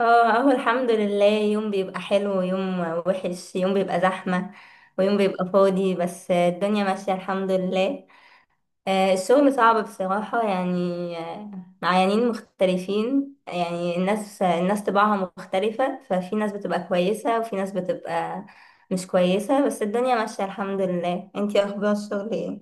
اه، اهو الحمد لله، يوم بيبقى حلو ويوم وحش، يوم بيبقى زحمة ويوم بيبقى فاضي، بس الدنيا ماشية الحمد لله. الشغل صعب بصراحة، يعني معينين مختلفين، يعني الناس طباعها مختلفة، ففي ناس بتبقى كويسة وفي ناس بتبقى مش كويسة، بس الدنيا ماشية الحمد لله. انتي اخبار الشغل ايه؟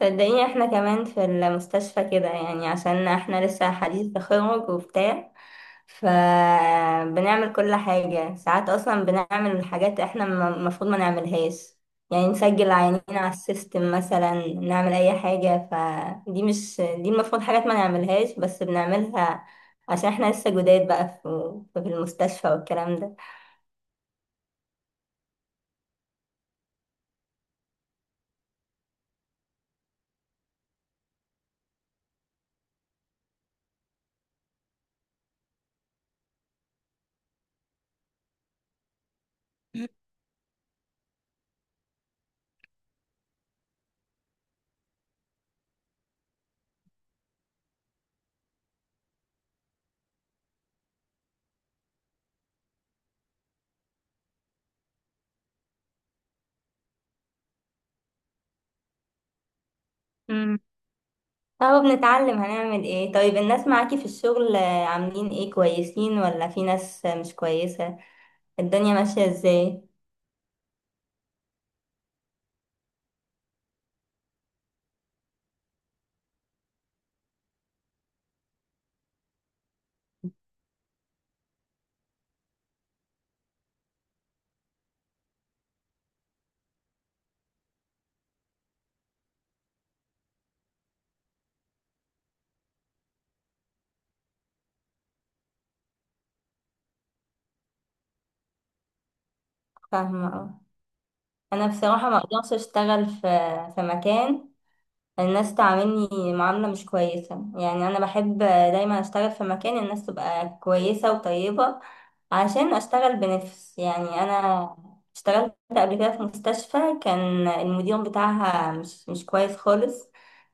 صدقيني، احنا كمان في المستشفى كده يعني، عشان احنا لسه حديث تخرج وبتاع، فبنعمل كل حاجة. ساعات اصلا بنعمل حاجات احنا المفروض ما نعملهاش، يعني نسجل عيانين على السيستم مثلا، نعمل اي حاجة. فدي مش دي المفروض، حاجات ما نعملهاش بس بنعملها عشان احنا لسه جداد بقى في المستشفى والكلام ده. اهو بنتعلم هنعمل ايه. طيب الناس معاكي في الشغل عاملين ايه؟ كويسين ولا في ناس مش كويسة؟ الدنيا ماشية ازاي؟ فاهمة، اه. انا بصراحة ما اقدرش اشتغل في مكان الناس تعاملني معاملة مش كويسة. يعني أنا بحب دايما أشتغل في مكان الناس تبقى كويسة وطيبة، عشان أشتغل بنفس، يعني أنا اشتغلت قبل كده في مستشفى، كان المدير بتاعها مش كويس خالص،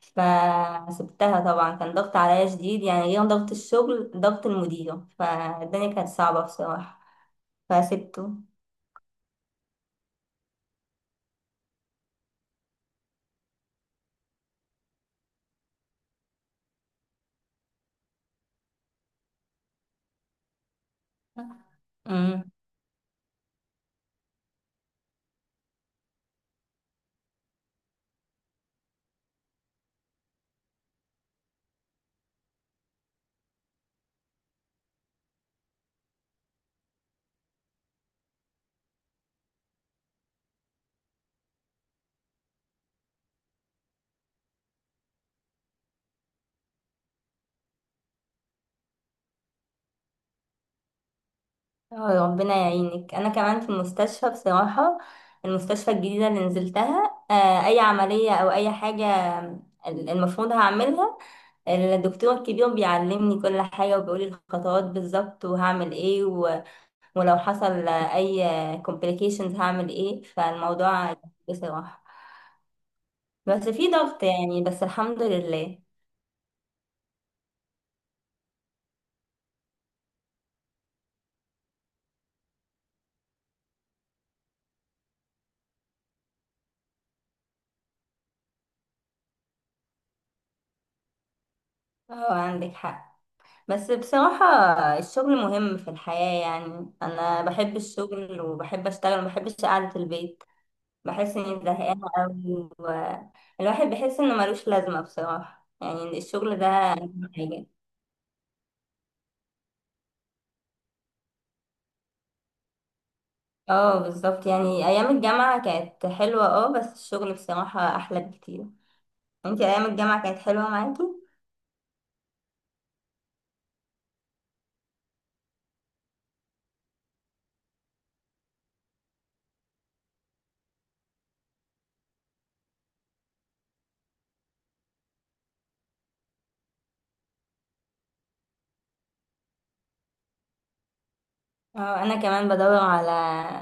فسبتها طبعا. كان ضغط عليا شديد، يعني غير ضغط الشغل ضغط المدير، فالدنيا كانت صعبة بصراحة، فسبته. اه ربنا يعينك. انا كمان في المستشفى بصراحه، المستشفى الجديده اللي نزلتها، اي عمليه او اي حاجه المفروض هعملها، الدكتور الكبير بيعلمني كل حاجه وبيقولي الخطوات بالظبط وهعمل ايه، ولو حصل اي complications هعمل ايه. فالموضوع بصراحه بس في ضغط، يعني بس الحمد لله. اه عندك حق. بس بصراحة الشغل مهم في الحياة، يعني أنا بحب الشغل وبحب أشتغل ومبحبش قعدة البيت، بحس إني زهقانة أوي، والواحد بيحس إنه ملوش لازمة بصراحة، يعني الشغل ده أهم حاجة. اه بالظبط، يعني أيام الجامعة كانت حلوة، اه بس الشغل بصراحة أحلى بكتير. انتي أيام الجامعة كانت حلوة معاكي؟ اه أنا كمان بدور على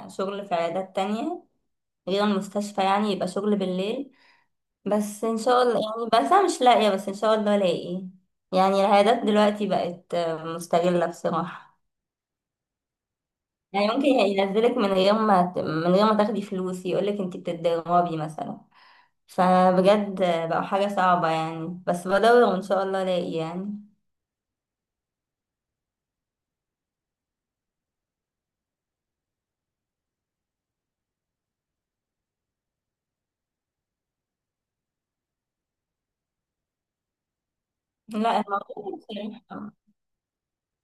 شغل في عيادات تانية غير المستشفى، يعني يبقى شغل بالليل، بس ان شاء الله يعني. بس انا مش لاقيه، بس ان شاء الله الاقي يعني. العيادات دلوقتي بقت مستغله بصراحه، يعني ممكن ينزلك من غير ما من غير ما تاخدي فلوس، يقولك انت بتتدربي مثلا. فبجد بقوا حاجه صعبه يعني، بس بدور وان شاء الله الاقي يعني. لا، الموضوع بصراحة.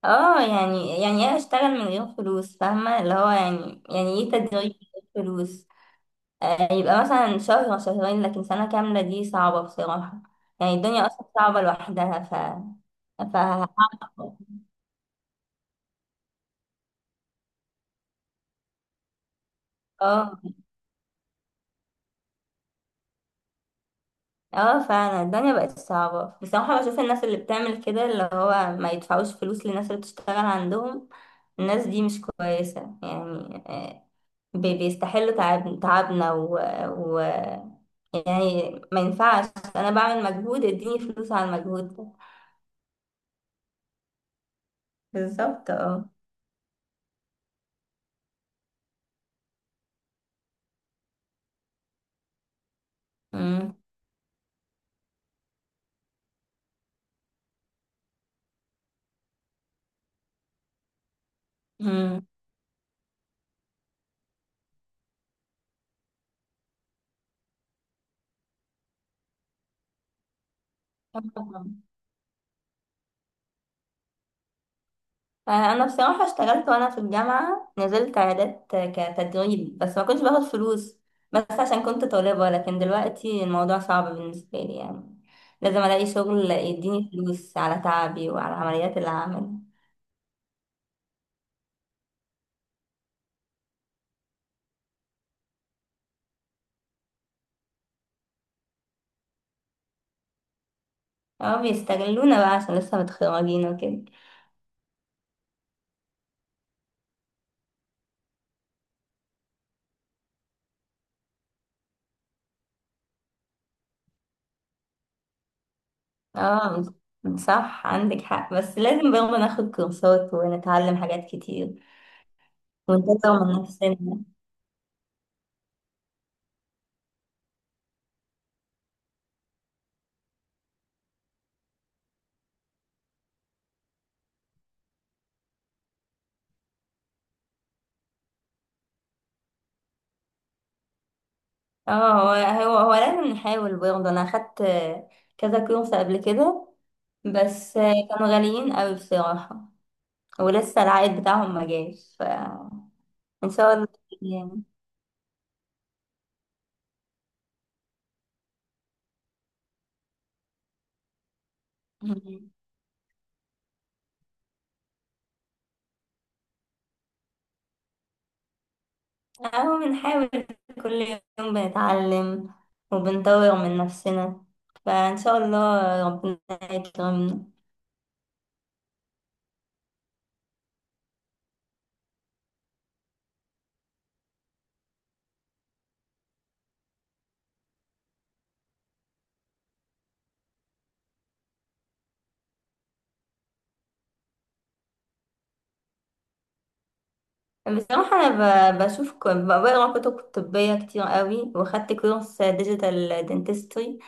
اه، يعني ايه اشتغل من غير فلوس؟ فاهمه، اللي هو يعني ايه تدريب من غير فلوس. يبقى مثلا شهر أو شهرين، لكن سنة كاملة دي صعبة بصراحة. يعني الدنيا أصلا صعبة لوحدها. ف ف اه، اه، فعلا الدنيا بقت صعبة بصراحة. بشوف الناس اللي بتعمل كده، اللي هو ما يدفعوش فلوس للناس اللي بتشتغل عندهم، الناس دي مش كويسة، يعني بيستحلوا تعب تعبنا و... يعني ما ينفعش. أنا بعمل مجهود، اديني فلوس على المجهود ده. بالظبط، اه. مم. مم. انا بصراحه اشتغلت وانا في الجامعه، نزلت عيادات كتدريب بس ما كنتش باخد فلوس، بس عشان كنت طالبه. لكن دلوقتي الموضوع صعب بالنسبه لي، يعني لازم الاقي شغل يديني فلوس على تعبي وعلى العمليات اللي هعملها. اه بيستغلونا بقى عشان لسه متخرجين وكده. اه صح، عندك حق، بس لازم برضه ناخد كورسات ونتعلم حاجات كتير ونطور من نفسنا. اه، هو لازم نحاول برضه. انا اخدت كذا كورس قبل كده بس كانوا غاليين قوي بصراحة، ولسه العائد بتاعهم ما جاش فان شاء الله يعني. مم. اهو بنحاول، كل يوم بنتعلم وبنطور من نفسنا، فان شاء الله ربنا يكرمنا. بصراحة أنا بشوف بقرا كتب طبية كتير قوي، وخدت كورس ديجيتال دنتستري،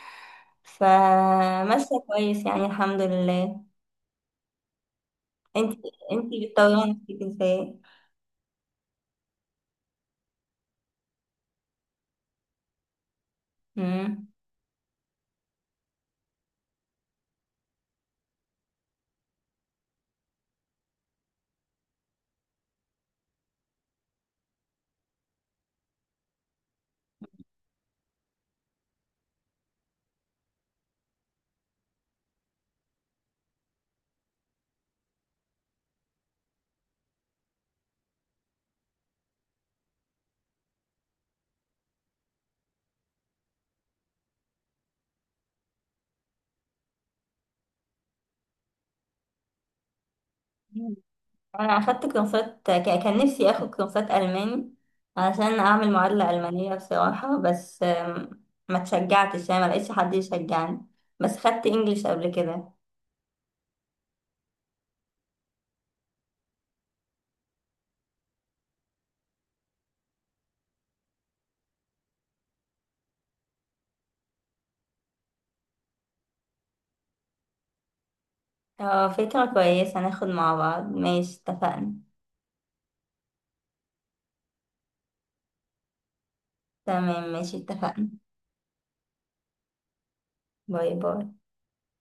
فماشية كويس يعني الحمد لله. انت انت بتطوري من نفسك ازاي؟ مم. انا اخدت كورسات كان نفسي اخد كورسات الماني علشان اعمل معادلة المانية بصراحة، بس ما تشجعتش، يعني ما لقيتش حد يشجعني، بس خدت انجليش قبل كده. اه فكرة كويسة، ناخد مع بعض، ماشي اتفقنا. تمام، ماشي اتفقنا. باي باي.